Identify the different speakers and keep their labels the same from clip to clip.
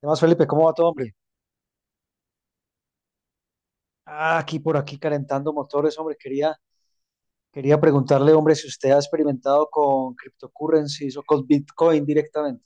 Speaker 1: ¿Qué más, Felipe? ¿Cómo va todo, hombre? Aquí por aquí calentando motores, hombre. Quería preguntarle, hombre, si usted ha experimentado con cryptocurrencies o con Bitcoin directamente.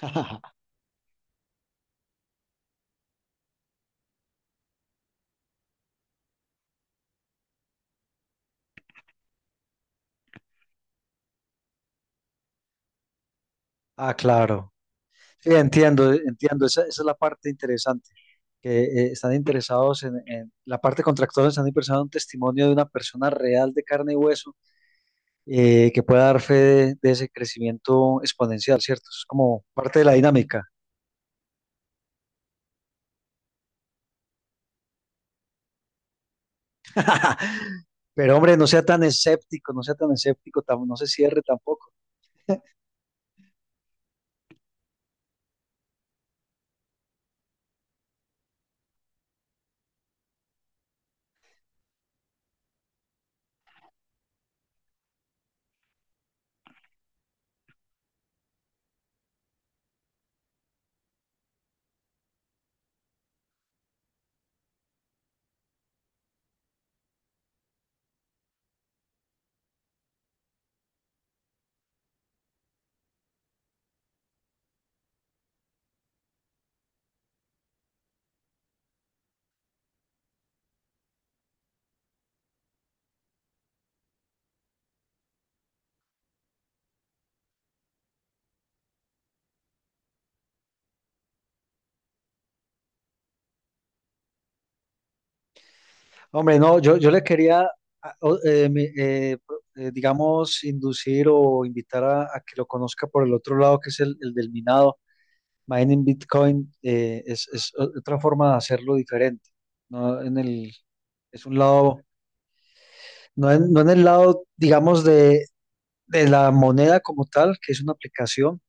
Speaker 1: Ah, claro. Sí, entiendo, entiendo. Esa es la parte interesante. Que están interesados en, la parte contractual, están interesados en un testimonio de una persona real de carne y hueso, que pueda dar fe de ese crecimiento exponencial, ¿cierto? Es como parte de la dinámica. Pero hombre, no sea tan escéptico, no sea tan escéptico, no se cierre tampoco. Hombre, no, yo le quería, digamos, inducir o invitar a que lo conozca por el otro lado, que es el del minado. Mining Bitcoin, es, otra forma de hacerlo diferente. No en el, es un lado, no en, no en el lado, digamos, de la moneda como tal, que es una aplicación,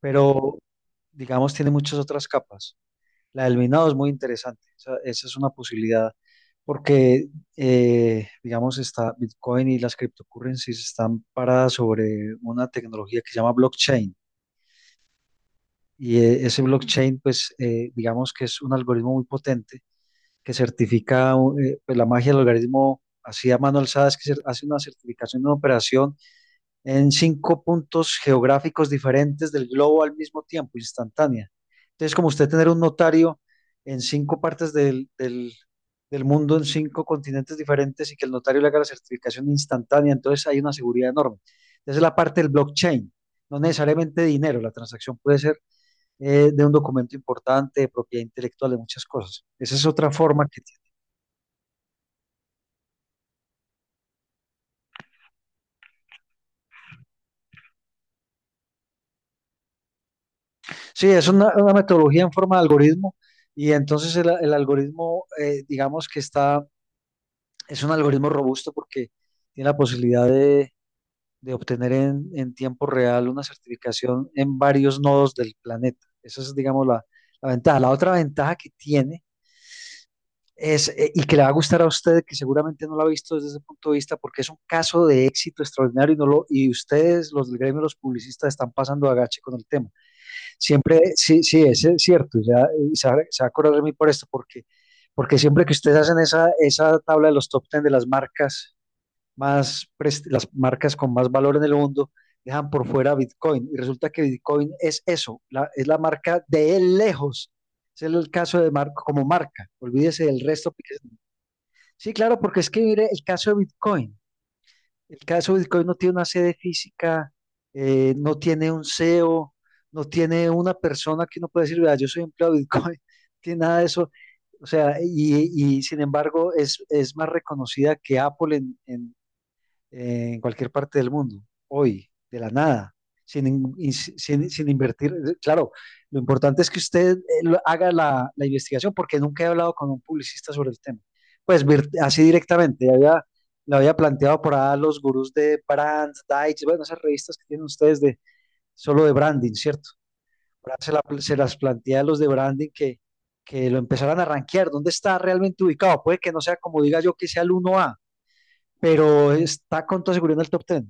Speaker 1: pero, digamos, tiene muchas otras capas. La del minado es muy interesante. Esa es una posibilidad porque, digamos, está Bitcoin y las cryptocurrencies están paradas sobre una tecnología que se llama blockchain. Y ese blockchain, pues, digamos que es un algoritmo muy potente que certifica, pues, la magia del algoritmo así a mano alzada es que hace una certificación de una operación en cinco puntos geográficos diferentes del globo al mismo tiempo, instantánea. Entonces, como usted tener un notario en cinco partes del, del mundo, en cinco continentes diferentes, y que el notario le haga la certificación instantánea, entonces hay una seguridad enorme. Esa es la parte del blockchain, no necesariamente dinero, la transacción puede ser, de un documento importante, de propiedad intelectual, de muchas cosas. Esa es otra forma que tiene. Sí, es una metodología en forma de algoritmo, y entonces el algoritmo, digamos que está. Es un algoritmo robusto porque tiene la posibilidad de obtener en tiempo real una certificación en varios nodos del planeta. Esa es, digamos, la ventaja. La otra ventaja que tiene es, y que le va a gustar a usted, que seguramente no lo ha visto desde ese punto de vista, porque es un caso de éxito extraordinario y, no lo, y ustedes, los del gremio, los publicistas, están pasando agache con el tema. Siempre, sí, sí, es cierto, ya, y se va a acordar de mí por esto, porque, porque siempre que ustedes hacen esa tabla de los top 10 de las marcas más, las marcas con más valor en el mundo dejan por fuera Bitcoin. Y resulta que Bitcoin es eso, es la marca de él lejos. Es el caso de Marco como marca. Olvídese del resto, sí, claro, porque es que mire el caso de Bitcoin. El caso de Bitcoin no tiene una sede física, no tiene un CEO, no tiene una persona que uno puede decir, vea, yo soy empleado de Bitcoin, no tiene nada de eso. O sea, y sin embargo es más reconocida que Apple en cualquier parte del mundo, hoy, de la nada, sin, in- in- sin, sin invertir. Claro, lo importante es que usted haga la investigación, porque nunca he hablado con un publicista sobre el tema. Pues así directamente, había, lo había planteado por ahí a los gurús de Brands. Dice, bueno, esas revistas que tienen ustedes de solo de branding, ¿cierto? Por ahí se las plantea a los de branding que lo empezaran a rankear. ¿Dónde está realmente ubicado? Puede que no sea como diga yo que sea el uno, a pero está con toda seguridad en el top 10.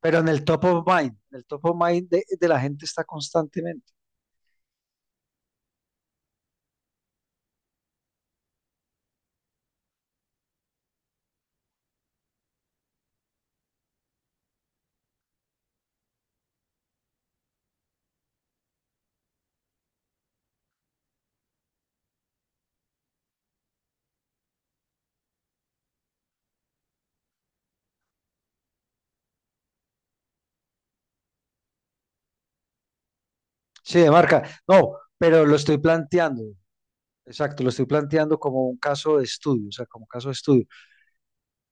Speaker 1: Pero en el top of mind, en el top of mind de la gente está constantemente. Sí, de marca. No, pero lo estoy planteando. Exacto, lo estoy planteando como un caso de estudio, o sea, como caso de estudio,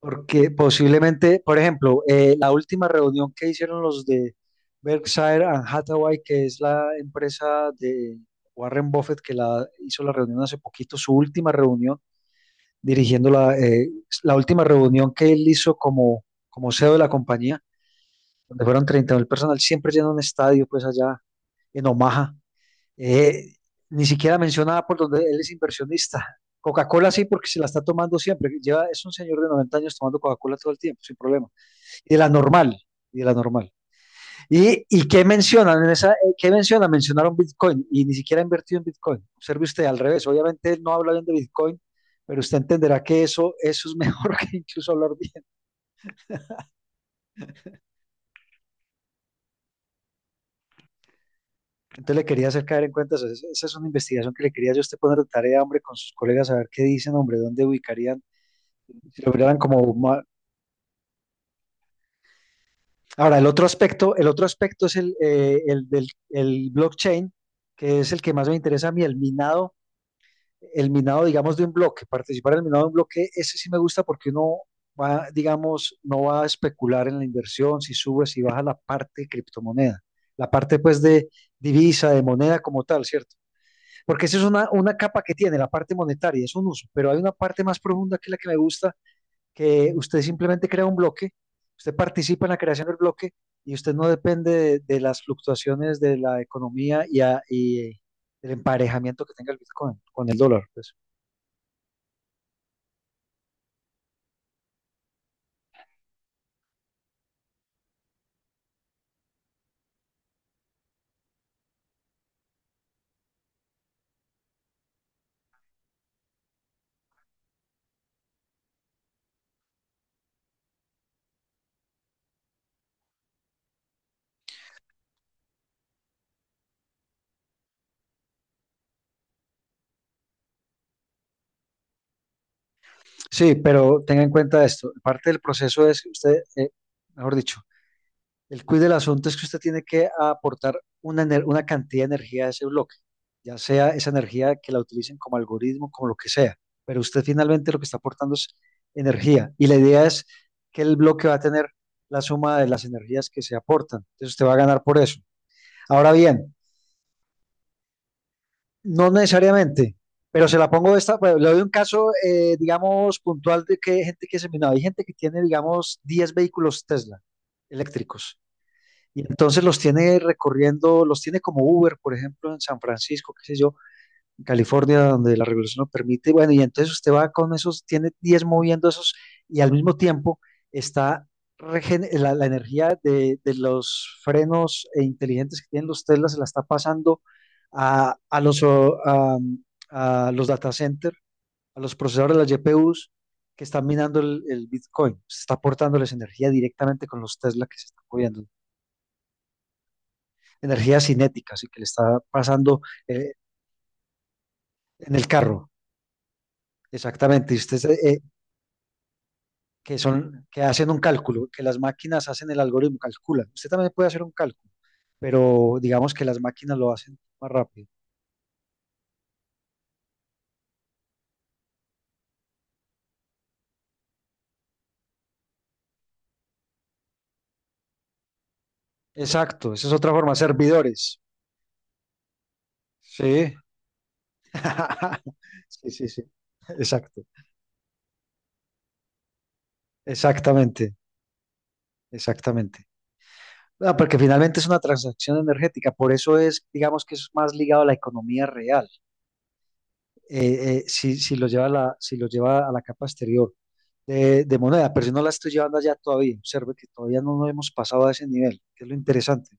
Speaker 1: porque posiblemente, por ejemplo, la última reunión que hicieron los de Berkshire and Hathaway, que es la empresa de Warren Buffett, que la hizo la reunión hace poquito, su última reunión, dirigiendo la última reunión que él hizo como, como CEO de la compañía, donde fueron 30.000 personas. Él siempre llena un estadio, pues allá en Omaha. Eh, ni siquiera mencionaba por donde él es inversionista. Coca-Cola sí, porque se la está tomando siempre. Lleva, es un señor de 90 años tomando Coca-Cola todo el tiempo, sin problema. Y de la normal, y de la normal. Y qué mencionan en esa? ¿Qué menciona? Mencionaron Bitcoin y ni siquiera ha invertido en Bitcoin. Observe usted al revés. Obviamente él no habla bien de Bitcoin, pero usted entenderá que eso es mejor que incluso hablar bien. Entonces le quería hacer caer en cuenta eso. Esa es una investigación que le quería yo a usted poner de tarea, hombre, con sus colegas, a ver qué dicen, hombre, dónde ubicarían, si lograran como... ahora, el otro aspecto es el del el blockchain, que es el que más me interesa a mí, el minado, digamos, de un bloque, participar en el minado de un bloque. Ese sí me gusta, porque uno va, digamos, no va a especular en la inversión, si sube, si baja la parte de criptomoneda, la parte pues de divisa, de moneda como tal, ¿cierto? Porque esa es una capa que tiene la parte monetaria, es un uso, pero hay una parte más profunda que es la que me gusta, que usted simplemente crea un bloque, usted participa en la creación del bloque, y usted no depende de las fluctuaciones de la economía y, y el emparejamiento que tenga el Bitcoin con el dólar, pues. Sí, pero tenga en cuenta esto, parte del proceso es que usted, mejor dicho, el quiz del asunto es que usted tiene que aportar una, una cantidad de energía a ese bloque, ya sea esa energía que la utilicen como algoritmo, como lo que sea, pero usted finalmente lo que está aportando es energía, y la idea es que el bloque va a tener la suma de las energías que se aportan, entonces usted va a ganar por eso. Ahora bien, no necesariamente, pero se la pongo esta, pues, le doy un caso, digamos, puntual, de que hay gente que se, no, hay gente que tiene, digamos, 10 vehículos Tesla eléctricos. Y entonces los tiene recorriendo, los tiene como Uber, por ejemplo, en San Francisco, qué sé yo, en California, donde la regulación lo permite. Bueno, y entonces usted va con esos, tiene 10 moviendo esos, y al mismo tiempo está la energía de los frenos inteligentes que tienen los Tesla, se la está pasando a, a los, o, a, a los data centers, a los procesadores de las GPUs que están minando el Bitcoin. Se está aportándoles energía directamente con los Tesla que se están moviendo, energía cinética, así que le está pasando, eh, en el carro, exactamente. Y usted, que son, que hacen un cálculo, que las máquinas hacen el algoritmo, calculan. Usted también puede hacer un cálculo, pero digamos que las máquinas lo hacen más rápido. Exacto, esa es otra forma, servidores. Sí, sí, sí, sí, exacto, exactamente, exactamente. Ah, porque finalmente es una transacción energética, por eso es, digamos que es más ligado a la economía real. Si lo lleva si lo lleva a la capa exterior de moneda, pero yo no la estoy llevando allá todavía. Observe que todavía no nos hemos pasado a ese nivel, que es lo interesante.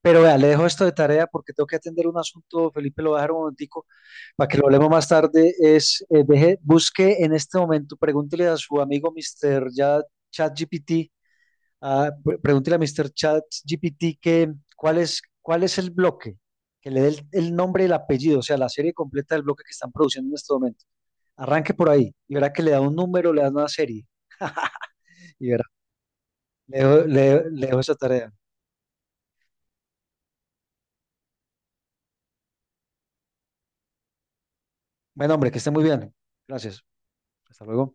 Speaker 1: Pero vea, le dejo esto de tarea porque tengo que atender un asunto, Felipe, lo voy a dejar un momentico para que lo hablemos más tarde. Es, busque en este momento, pregúntele a su amigo Mr. Ya, ChatGPT. Pregúntele a Mr. ChatGPT que cuál es el bloque, que le dé el nombre y el apellido, o sea, la serie completa del bloque que están produciendo en este momento. Arranque por ahí y verá que le da un número, le da una serie y verá. Le dejo, le dejo esa tarea. Bueno, hombre, que esté muy bien. Gracias. Hasta luego.